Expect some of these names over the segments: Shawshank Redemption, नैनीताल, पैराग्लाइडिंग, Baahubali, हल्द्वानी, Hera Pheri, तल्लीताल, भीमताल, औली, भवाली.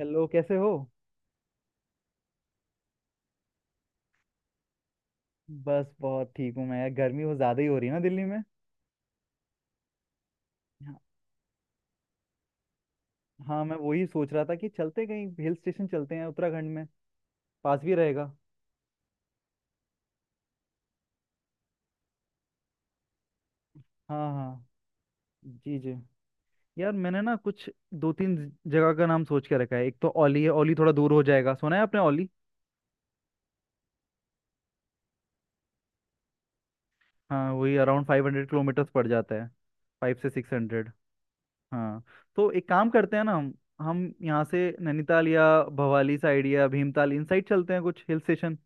Hello, कैसे हो। बस, बहुत ठीक हूँ मैं। यार, गर्मी बहुत ज्यादा ही हो रही है ना दिल्ली में। हाँ। हाँ, मैं वही सोच रहा था कि चलते कहीं हिल स्टेशन, चलते हैं उत्तराखंड में। पास भी रहेगा। हाँ हाँ। जी जी। यार, मैंने ना कुछ दो तीन जगह का नाम सोच के रखा है। एक तो औली है। औली थोड़ा दूर हो जाएगा। सुना है आपने औली? हाँ, वही अराउंड 500 किलोमीटर्स पड़ जाता है। 500 से 600। हाँ। तो एक काम करते हैं ना हम। हम यहाँ से नैनीताल या भवाली साइड या भीमताल इन साइड चलते हैं, कुछ हिल स्टेशन।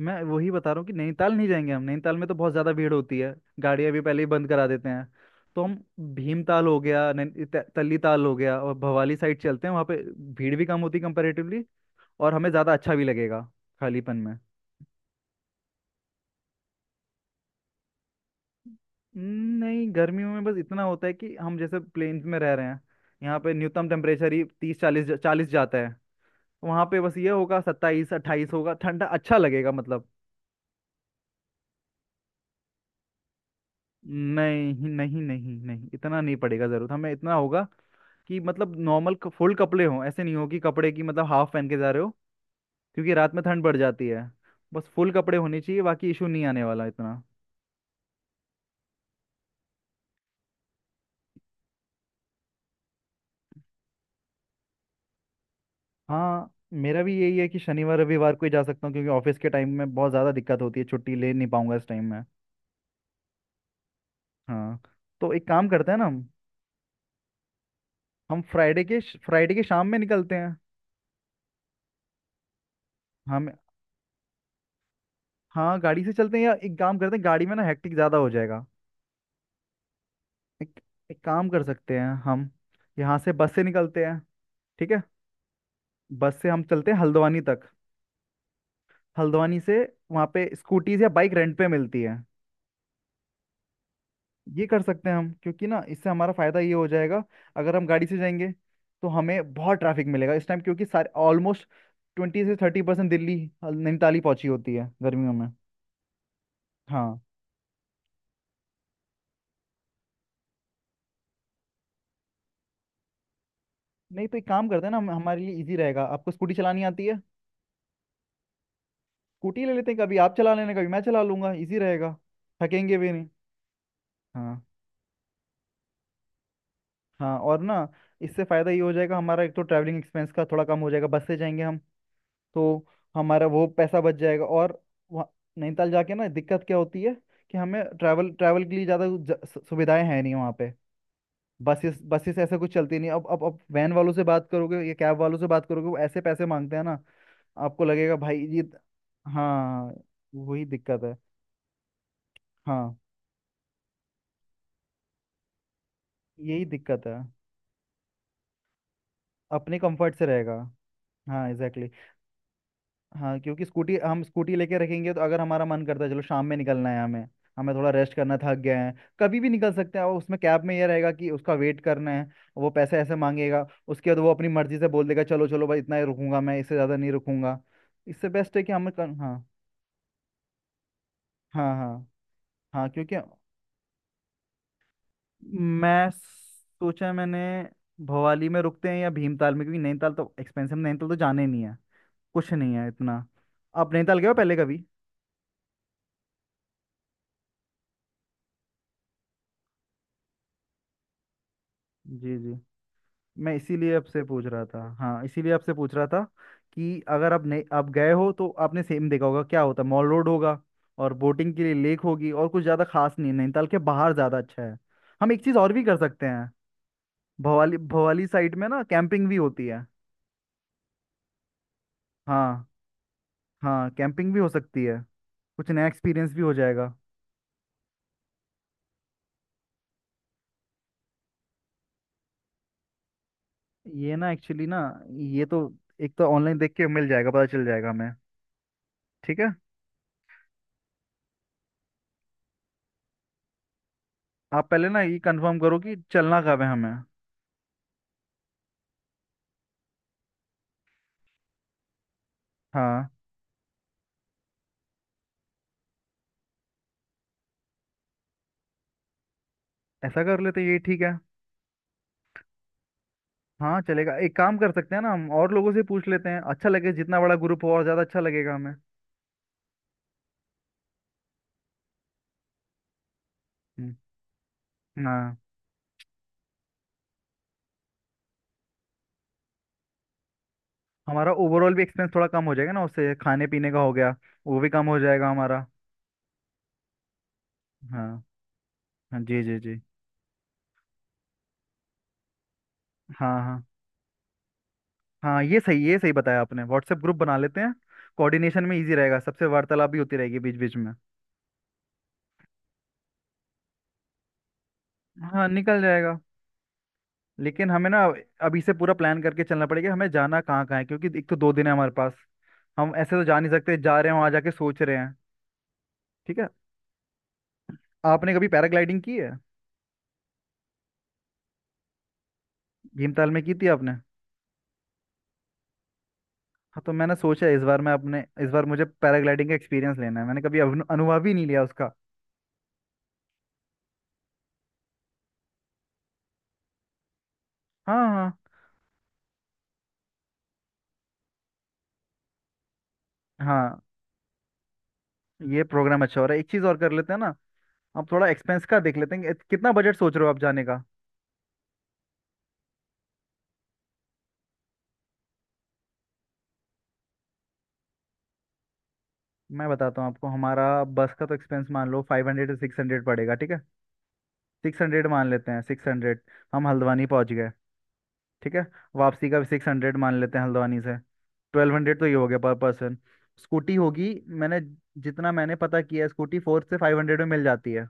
मैं वही बता रहा हूँ कि नैनीताल नहीं जाएंगे हम। नैनीताल में तो बहुत ज़्यादा भीड़ होती है, गाड़ियाँ भी पहले ही बंद करा देते हैं। तो हम, भीमताल हो गया, तल्लीताल हो गया, और भवाली साइड चलते हैं वहाँ पे। भीड़ भी कम होती कंपेरेटिवली, और हमें ज़्यादा अच्छा भी लगेगा, खालीपन में। नहीं, गर्मियों में बस इतना होता है कि हम जैसे प्लेन्स में रह रहे हैं, यहाँ पे न्यूनतम टेम्परेचर ही 30 40 40 जाता है। वहाँ पे बस ये होगा, 27 28 होगा, ठंडा अच्छा लगेगा, मतलब। नहीं, नहीं, नहीं, नहीं, इतना नहीं पड़ेगा जरूरत। हमें इतना होगा कि, मतलब, नॉर्मल फुल कपड़े हों, ऐसे नहीं हो कि कपड़े की, मतलब, हाफ पहन के जा रहे हो, क्योंकि रात में ठंड बढ़ जाती है। बस फुल कपड़े होने चाहिए, बाकी इशू नहीं आने वाला इतना। हाँ। मेरा भी यही है कि शनिवार रविवार को ही जा सकता हूँ, क्योंकि ऑफिस के टाइम में बहुत ज़्यादा दिक्कत होती है, छुट्टी ले नहीं पाऊंगा इस टाइम में। हाँ, तो एक काम करते हैं ना हम। हम फ्राइडे के, फ्राइडे के शाम में निकलते हैं। हम, हाँ, गाड़ी से चलते हैं, या एक काम करते हैं, गाड़ी में ना हेक्टिक ज़्यादा हो जाएगा। एक, काम कर सकते हैं हम, यहाँ से बस से निकलते हैं। ठीक है। बस से हम चलते हैं हल्द्वानी तक। हल्द्वानी से, वहाँ पे स्कूटीज या बाइक रेंट पे मिलती है। ये कर सकते हैं हम, क्योंकि ना इससे हमारा फायदा ये हो जाएगा। अगर हम गाड़ी से जाएंगे, तो हमें बहुत ट्रैफिक मिलेगा इस टाइम, क्योंकि सारे, ऑलमोस्ट 20 से 30% दिल्ली, नैनीताल ही पहुंची होती है गर्मियों में। हाँ। नहीं, तो एक काम करते हैं ना, हमारे लिए इजी रहेगा। आपको स्कूटी चलानी आती है? स्कूटी ले लेते हैं, कभी आप चला लेना, कभी मैं चला लूंगा, इजी रहेगा, थकेंगे भी नहीं। हाँ हाँ। और ना, इससे फ़ायदा ये हो जाएगा हमारा, एक तो ट्रैवलिंग एक्सपेंस का थोड़ा कम हो जाएगा, बस से जाएंगे हम तो, हमारा वो पैसा बच जाएगा। और वहाँ नैनीताल जाके ना दिक्कत क्या होती है कि हमें ट्रैवल ट्रैवल के लिए ज़्यादा सुविधाएं हैं नहीं वहाँ पे। बसेस बसेस ऐसा कुछ चलती नहीं। अब, वैन वालों से बात करोगे या कैब वालों से बात करोगे, वो ऐसे पैसे मांगते हैं ना, आपको लगेगा भाई ये। हाँ, वही दिक्कत है। हाँ, यही दिक्कत है। अपने कंफर्ट से रहेगा। हाँ, एग्जैक्टली। हाँ, क्योंकि स्कूटी, हम स्कूटी लेके रखेंगे तो अगर हमारा मन करता है, चलो शाम में निकलना है हमें, हमें थोड़ा रेस्ट करना है, थक गए हैं, कभी भी निकल सकते हैं। और उसमें कैब में ये रहेगा कि उसका वेट करना है, वो पैसे ऐसे मांगेगा, उसके बाद वो अपनी मर्जी से बोल देगा, चलो चलो भाई, इतना ही रुकूंगा मैं, इससे ज़्यादा नहीं रुकूंगा। इससे बेस्ट है कि हम कर। हाँ, हाँ हाँ हाँ, क्योंकि, मैं सोचा, मैंने, भवाली में रुकते हैं या भीमताल में, क्योंकि नैनीताल तो एक्सपेंसिव। नैनीताल तो जाने नहीं है, कुछ नहीं है इतना। आप नैनीताल गए हो पहले कभी? जी जी। मैं इसीलिए आपसे पूछ रहा था, हाँ, इसीलिए आपसे पूछ रहा था कि अगर आप, नहीं, आप गए हो तो आपने सेम देखा होगा क्या होता है। मॉल रोड होगा और बोटिंग के लिए लेक होगी, और कुछ ज़्यादा खास नहीं है। नैनीताल के बाहर ज़्यादा अच्छा है। हम एक चीज़ और भी कर सकते हैं। भवाली, भवाली साइड में ना कैंपिंग भी होती है। हाँ। हाँ, कैंपिंग भी हो सकती है, कुछ नया एक्सपीरियंस भी हो जाएगा। ये ना, एक्चुअली ना, ये तो, एक तो ऑनलाइन देख के मिल जाएगा, पता चल जाएगा हमें। ठीक है। आप पहले ना ये कंफर्म करो कि चलना कब है हमें। हाँ, ऐसा कर लेते हैं, ये ठीक है। हाँ, चलेगा। एक काम कर सकते हैं ना हम, और लोगों से पूछ लेते हैं, अच्छा लगे, जितना बड़ा ग्रुप हो और ज़्यादा अच्छा लगेगा हमें। हम्म, हाँ, हमारा ओवरऑल भी एक्सपेंस थोड़ा कम हो जाएगा ना उससे, खाने पीने का हो गया, वो भी कम हो जाएगा हमारा। हाँ। हाँ, जी जी जी। हाँ हाँ। हाँ, ये सही, ये सही बताया आपने, व्हाट्सएप ग्रुप बना लेते हैं। कोऑर्डिनेशन में इजी रहेगा, सबसे वार्तालाप भी होती रहेगी बीच बीच में। हाँ, निकल जाएगा। लेकिन हमें ना अभी से पूरा प्लान करके चलना पड़ेगा, हमें जाना कहाँ कहाँ है, क्योंकि एक तो 2 दिन है हमारे पास। हम ऐसे तो जा नहीं सकते, जा रहे हैं वहाँ जाके सोच रहे हैं। ठीक है। आपने कभी पैराग्लाइडिंग की है? भीमताल में की थी आपने? हाँ, तो मैंने सोचा है इस बार, मैं अपने, इस बार मुझे पैराग्लाइडिंग का एक्सपीरियंस लेना है, मैंने कभी अनुभव ही नहीं लिया उसका। हाँ हाँ। हाँ, ये प्रोग्राम अच्छा हो रहा है, एक चीज़ और कर लेते हैं ना। हम थोड़ा एक्सपेंस का देख लेते हैं कितना बजट सोच रहे हो आप जाने का। मैं बताता हूँ आपको, हमारा बस का तो एक्सपेंस मान लो 500 से 600 पड़ेगा, ठीक है? 600 मान लेते हैं, 600। हम हल्द्वानी पहुँच गए। ठीक है। वापसी का भी 600 मान लेते हैं हल्द्वानी से। 1200 तो ये हो गया पर पर्सन। स्कूटी होगी। मैंने, जितना मैंने पता किया है, स्कूटी 400 से 500 में मिल जाती है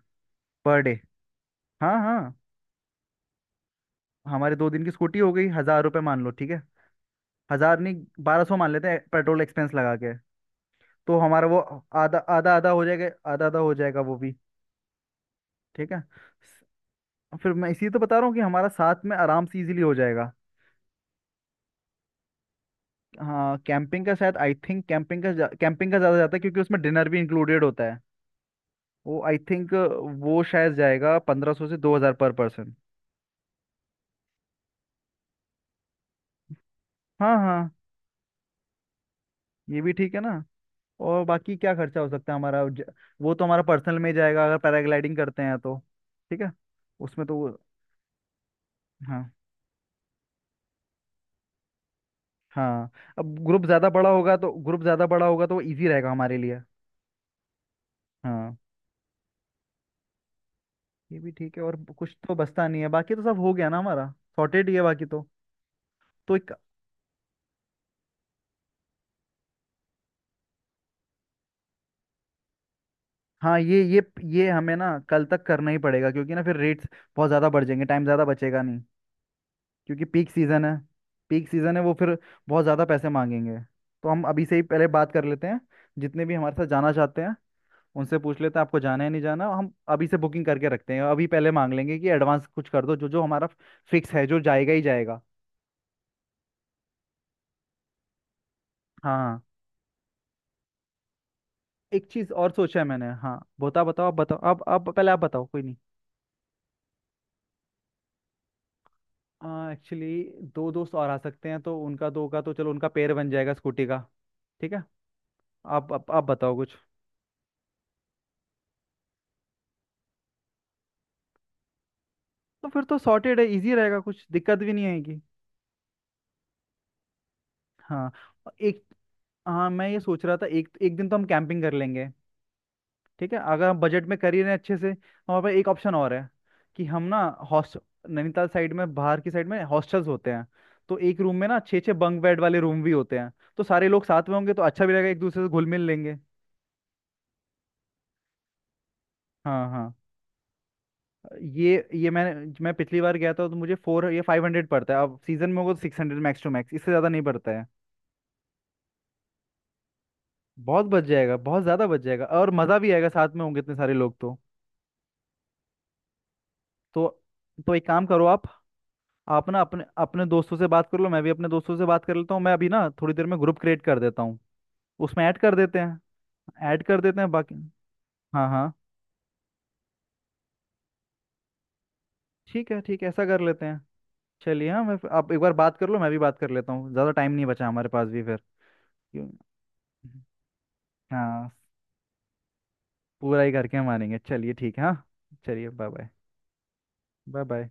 पर डे। हाँ हाँ। हमारे 2 दिन की स्कूटी हो गई, 1000 रुपये मान लो, ठीक है। 1000 नहीं, 1200 मान लेते हैं, पेट्रोल एक्सपेंस लगा के। तो हमारा वो आधा आधा आधा हो जाएगा, आधा आधा हो जाएगा वो भी। ठीक है। स- फिर मैं इसी तो बता रहा हूँ कि हमारा साथ में आराम से इजीली हो जाएगा। हाँ, कैंपिंग का शायद, आई थिंक कैंपिंग का कैंपिंग का ज़्यादा जाता है, क्योंकि उसमें डिनर भी इंक्लूडेड होता है, वो आई थिंक। वो शायद जाएगा 1500 से 2000 पर पर्सन। हाँ हाँ। ये भी ठीक है ना? और बाकी क्या खर्चा हो सकता है हमारा, वो तो हमारा पर्सनल में ही जाएगा, अगर पैराग्लाइडिंग करते हैं तो। ठीक है। उसमें तो वो। हाँ हाँ। अब ग्रुप ज़्यादा बड़ा होगा तो, ग्रुप ज़्यादा बड़ा होगा तो इजी रहेगा हमारे लिए। हाँ, ये भी ठीक है, और कुछ तो बचता नहीं है बाकी, तो सब हो गया ना हमारा। सॉर्टेड ही है बाकी तो। तो एक, हाँ, ये ये हमें ना कल तक करना ही पड़ेगा, क्योंकि ना फिर रेट्स बहुत ज़्यादा बढ़ जाएंगे, टाइम ज़्यादा बचेगा नहीं, क्योंकि पीक सीज़न है। पीक सीज़न है, वो फिर बहुत ज़्यादा पैसे मांगेंगे। तो हम अभी से ही पहले बात कर लेते हैं, जितने भी हमारे साथ जाना चाहते हैं, उनसे पूछ लेते हैं, आपको जाना है, नहीं जाना। हम अभी से बुकिंग करके रखते हैं, अभी पहले मांग लेंगे कि एडवांस कुछ कर दो, जो जो हमारा फिक्स है, जो जाएगा ही जाएगा। हाँ हाँ। एक चीज और सोचा है मैंने, हाँ, बताओ बताओ, आप बताओ, आप पहले, आप बताओ, कोई नहीं। एक्चुअली दो दोस्त और आ सकते हैं, तो उनका, दो का तो चलो उनका पेयर बन जाएगा स्कूटी का। ठीक है। आप बताओ कुछ। तो फिर तो सॉर्टेड है, इजी रहेगा, कुछ दिक्कत भी नहीं आएगी। हाँ। और एक, हाँ, मैं ये सोच रहा था, एक एक दिन तो हम कैंपिंग कर लेंगे। ठीक है, अगर हम बजट में करिए ना अच्छे से, हमारे पास एक ऑप्शन और है कि हम ना, हॉस्ट, नैनीताल साइड में, बाहर की साइड में हॉस्टल्स होते हैं, तो एक रूम में ना छः छः बंक बेड वाले रूम भी होते हैं। तो सारे लोग साथ में होंगे तो अच्छा भी लगेगा, एक दूसरे से घुल मिल लेंगे। हाँ हाँ। ये मैंने मैं पिछली बार गया था तो मुझे फोर, ये, 500 पड़ता है। अब सीजन में होगा तो 600, मैक्स टू मैक्स, इससे ज़्यादा नहीं पड़ता है। बहुत बच जाएगा, बहुत ज़्यादा बच जाएगा, और मज़ा भी आएगा, साथ में होंगे इतने सारे लोग तो। तो तो एक काम करो आप। आप ना अपने अपने दोस्तों से बात कर लो, मैं भी अपने दोस्तों से बात कर लेता हूँ। मैं अभी ना थोड़ी देर में ग्रुप क्रिएट कर देता हूँ, उसमें ऐड कर देते हैं। ऐड कर देते हैं बाकी। हाँ हाँ। ठीक है, ठीक है, ऐसा कर लेते हैं। चलिए, हाँ, मैं, आप एक बार बात कर लो, मैं भी बात कर लेता हूँ, ज़्यादा टाइम नहीं बचा हमारे पास भी फिर। क्यों- हाँ, पूरा ही करके मारेंगे, चलिए ठीक है, हाँ। चलिए, बाय बाय। Bye bye.